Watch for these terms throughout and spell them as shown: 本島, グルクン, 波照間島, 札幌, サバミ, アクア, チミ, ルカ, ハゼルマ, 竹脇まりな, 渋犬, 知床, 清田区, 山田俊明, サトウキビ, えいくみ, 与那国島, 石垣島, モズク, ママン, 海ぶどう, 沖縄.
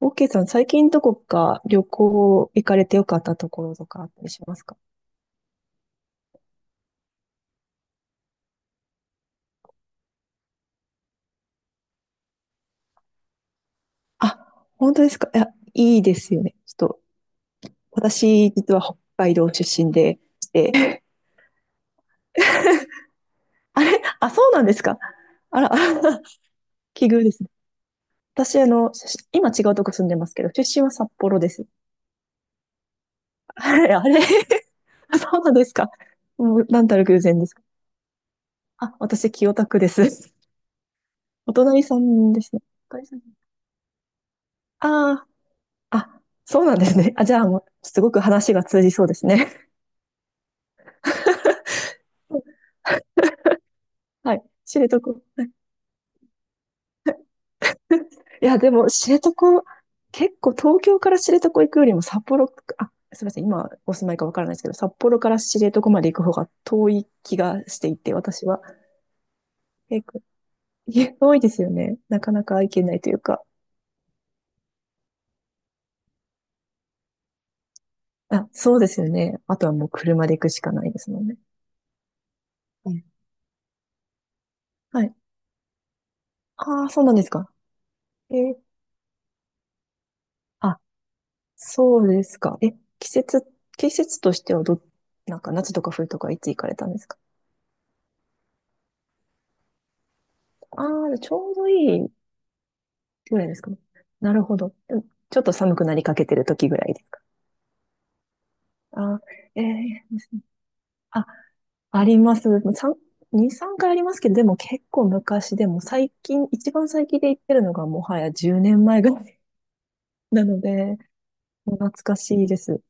オーケーさん、最近どこか旅行行かれてよかったところとかあったりしますか？あ、本当ですか？いや、いいですよね。ちょっと、私、実は北海道出身でして、あれ、あ、そうなんですか？あら、あら 奇遇ですね。私、今違うとこ住んでますけど、出身は札幌です。あれ、あれ あ、そうなんですか？もう、なんたる偶然ですか？あ、私、清田区です。お隣さんですね。お隣さん。ああ、そうなんですね。あ、じゃあもう、すごく話が通じそうですね。はい。知床。いや、でも、知床、結構東京から知床行くよりも札幌、あ、すみません、今お住まいかわからないですけど、札幌から知床まで行く方が遠い気がしていて、私は。結構、いや遠いですよね。なかなか行けないというか。あ、そうですよね。あとはもう車で行くしかないですもんね。うん、はい。ああ、そうなんですか。えーそうですか。え、季節、季節としてはなんか夏とか冬とかいつ行かれたんですか？ああー、ちょうどいいぐらいですかね。なるほど。うん、ちょっと寒くなりかけてる時ぐらいですか。あええですね。あ、あります。3、2、3回ありますけど、でも結構昔でも最近、一番最近で行ってるのがもはや10年前ぐらいなので、もう懐かしいです。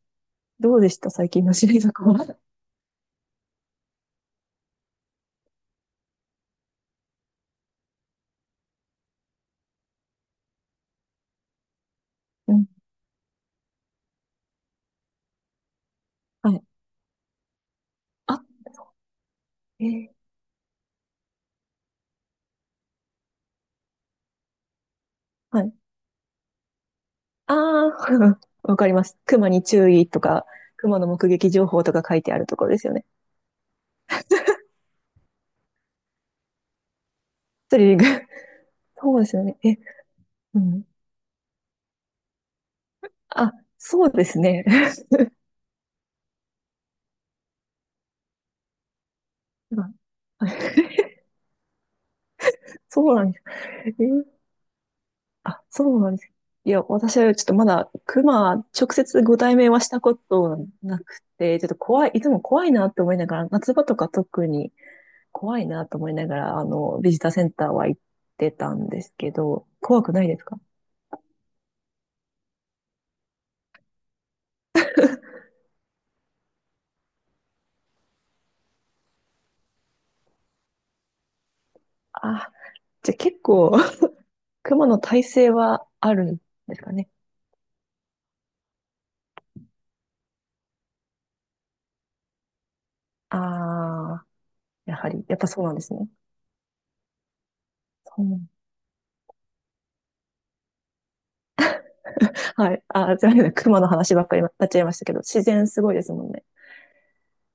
どうでした、最近のシリーズは？うん。はい。あ、そう。ええ、はい。ああ、わかります。熊に注意とか、熊の目撃情報とか書いてあるところですよね。スリリング。そうですよね。え、うん。あ、そうですね。うん、はい そうなんです。えーあ、そうなんです。いや、私はちょっとまだ熊、直接ご対面はしたことなくて、ちょっと怖い、いつも怖いなと思いながら、夏場とか特に怖いなと思いながら、ビジターセンターは行ってたんですけど、怖くないですか？あ、じゃあ結構、熊の耐性はあるんですかね。ああ、やはり、やっぱそうなんですね。そう。はい。すいません。熊の話ばっかりになっちゃいましたけど、自然すごいですもんね。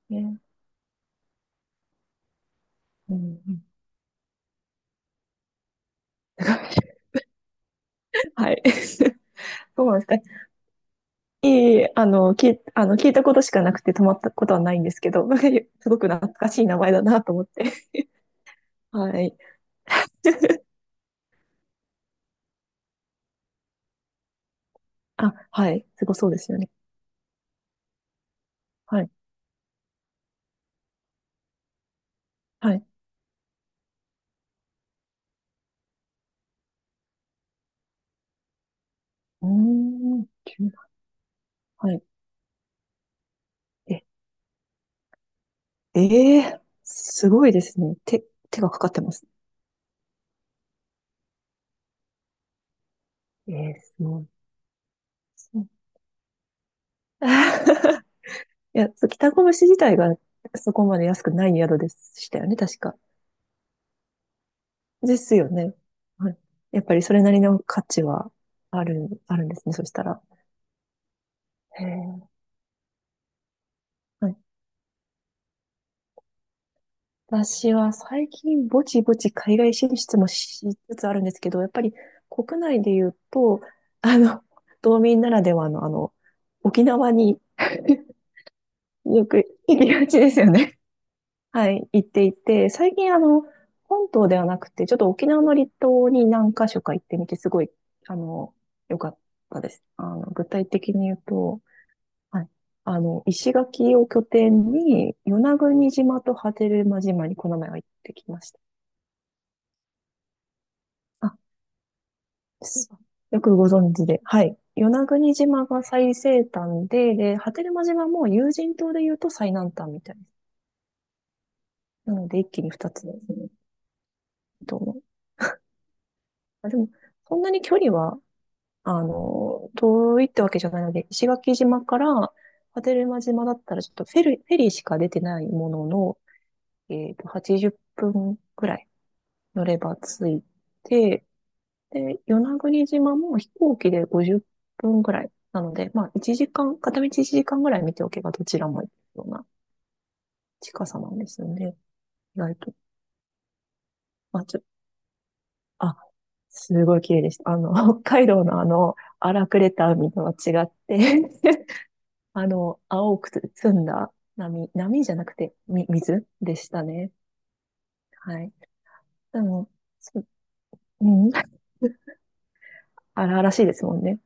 ね。うん。うん はい。そうなんですか。いい、聞いたことしかなくて止まったことはないんですけど、すごく懐かしい名前だなと思って。はい。あ、はい。すごそうですよね。はい。はい。うーん。急な、はい。ええ、えーすごいですね。手がかかってます。ええーすごい。そう いや、そう北越自体がそこまで安くない宿でしたよね、確か。ですよね。はい。やっぱりそれなりの価値はあるんですね、そしたら。へえ。はい。私は最近ぼちぼち海外進出もしつつあるんですけど、やっぱり国内で言うと、あの、道民ならではの沖縄に よく行きがちですよね。はい、行っていて、最近本島ではなくて、ちょっと沖縄の離島に何か所か行ってみて、すごい、あの、良かったです。具体的に言うと、はい、石垣を拠点に、与那国島と波照間島にこの前は行ってきました。あ、そう、よくご存知で。はい。与那国島が最西端で、波照間島も有人島で言うと最南端みたいです。なので、一気に二つですね。島、あ、でも、そんなに距離は遠いってわけじゃないので、石垣島から波照間島だったらちょっとフェリーしか出てないものの、80分くらい乗れば着いて、で、与那国島も飛行機で50分くらいなので、まあ、1時間、片道1時間ぐらい見ておけばどちらも行くような近さなんですよね。意外と。まあ、あ、すごい綺麗でした。北海道の荒くれた海とは違って、青くつ澄んだ波、波じゃなくて、水でしたね。はい。でも、そう、うん、荒々しいですもんね。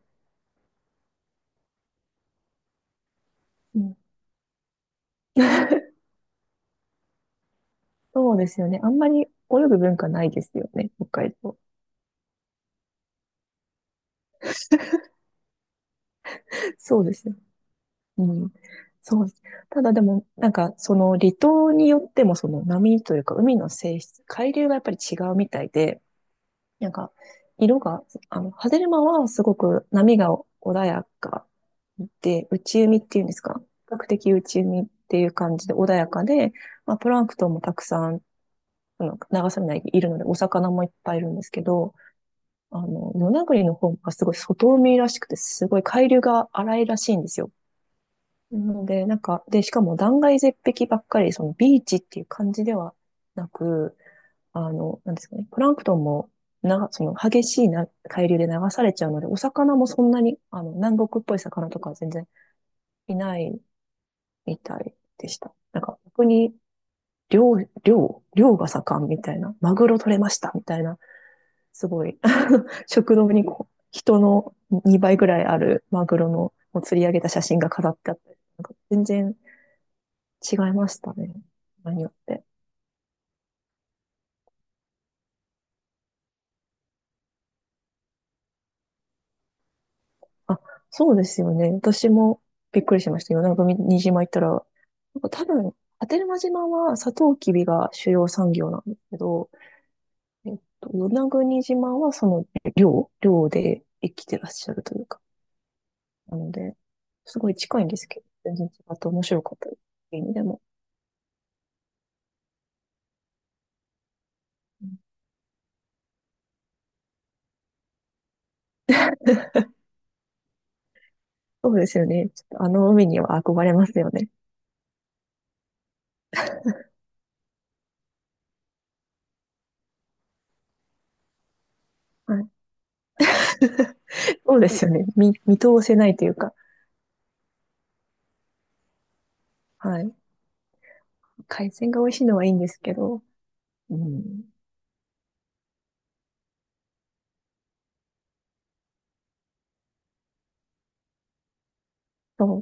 うん。そうですよね。あんまり泳ぐ文化ないですよね、北海道。そうですよ。うん。そうです。ただでも、なんか、その離島によっても、その波というか、海の性質、海流がやっぱり違うみたいで、なんか、色が、ハゼルマはすごく波が穏やかで、内海っていうんですか、比較的内海っていう感じで穏やかで、まあ、プランクトンもたくさん、流されないいるので、お魚もいっぱいいるんですけど、与那国の方がすごい外海らしくて、すごい海流が荒いらしいんですよ。なので、なんか、で、しかも断崖絶壁ばっかり、そのビーチっていう感じではなく、なんですかね、プランクトンも、その激しいな海流で流されちゃうので、お魚もそんなに、南国っぽい魚とかは全然いないみたいでした。なんか、逆に、漁、漁が盛んみたいな、マグロ取れましたみたいな、すごい、食堂にこう人の2倍ぐらいあるマグロのを釣り上げた写真が飾ってあった、なんか全然違いましたね。場合によって。あ、そうですよね。私もびっくりしました。与那国島行ったら、なんか多分、波照間島はサトウキビが主要産業なんですけど、与那国島はその漁で生きてらっしゃるというか、なので、すごい近いんですけど、全然違って面白かったです。いい意味でも。うん、そうですよね。ちょっとあの海には憧れますよね。はい。そうですよね。見通せないというか、はい。海鮮が美味しいのはいいんですけど、うん。そ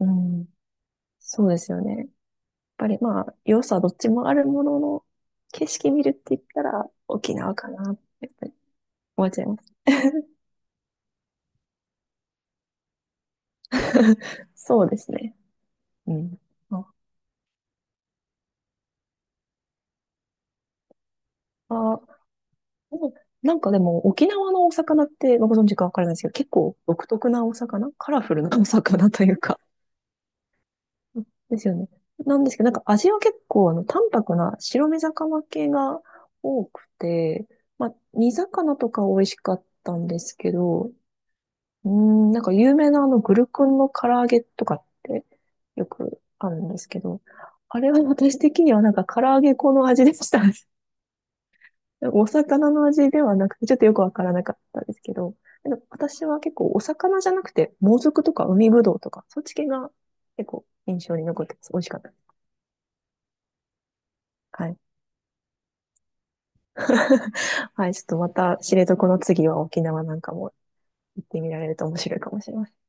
う。うん。そうですよね。やっぱりまあ、良さどっちもあるものの、景色見るって言ったら沖縄かなって、やっぱり思っちゃいます。そうですね。うん。あ、あ、うん、なんかでも沖縄のお魚ってご存知かわからないですけど、結構独特なお魚、カラフルなお魚というか、ですよね。なんですけど、なんか味は結構淡白な白身魚系が多くて、まあ、煮魚とか美味しかったんですけど、うーん、なんか有名なあのグルクンの唐揚げとかってよくあるんですけど、あれは私的にはなんか唐揚げ粉の味でした。お魚の味ではなくて、ちょっとよくわからなかったんですけど、でも私は結構お魚じゃなくて、モズクとか海ぶどうとか、そっち系が結構印象に残ってます。美味しかったです。はい。はい、ちょっとまた知床の次は沖縄なんかも行ってみられると面白いかもしれません。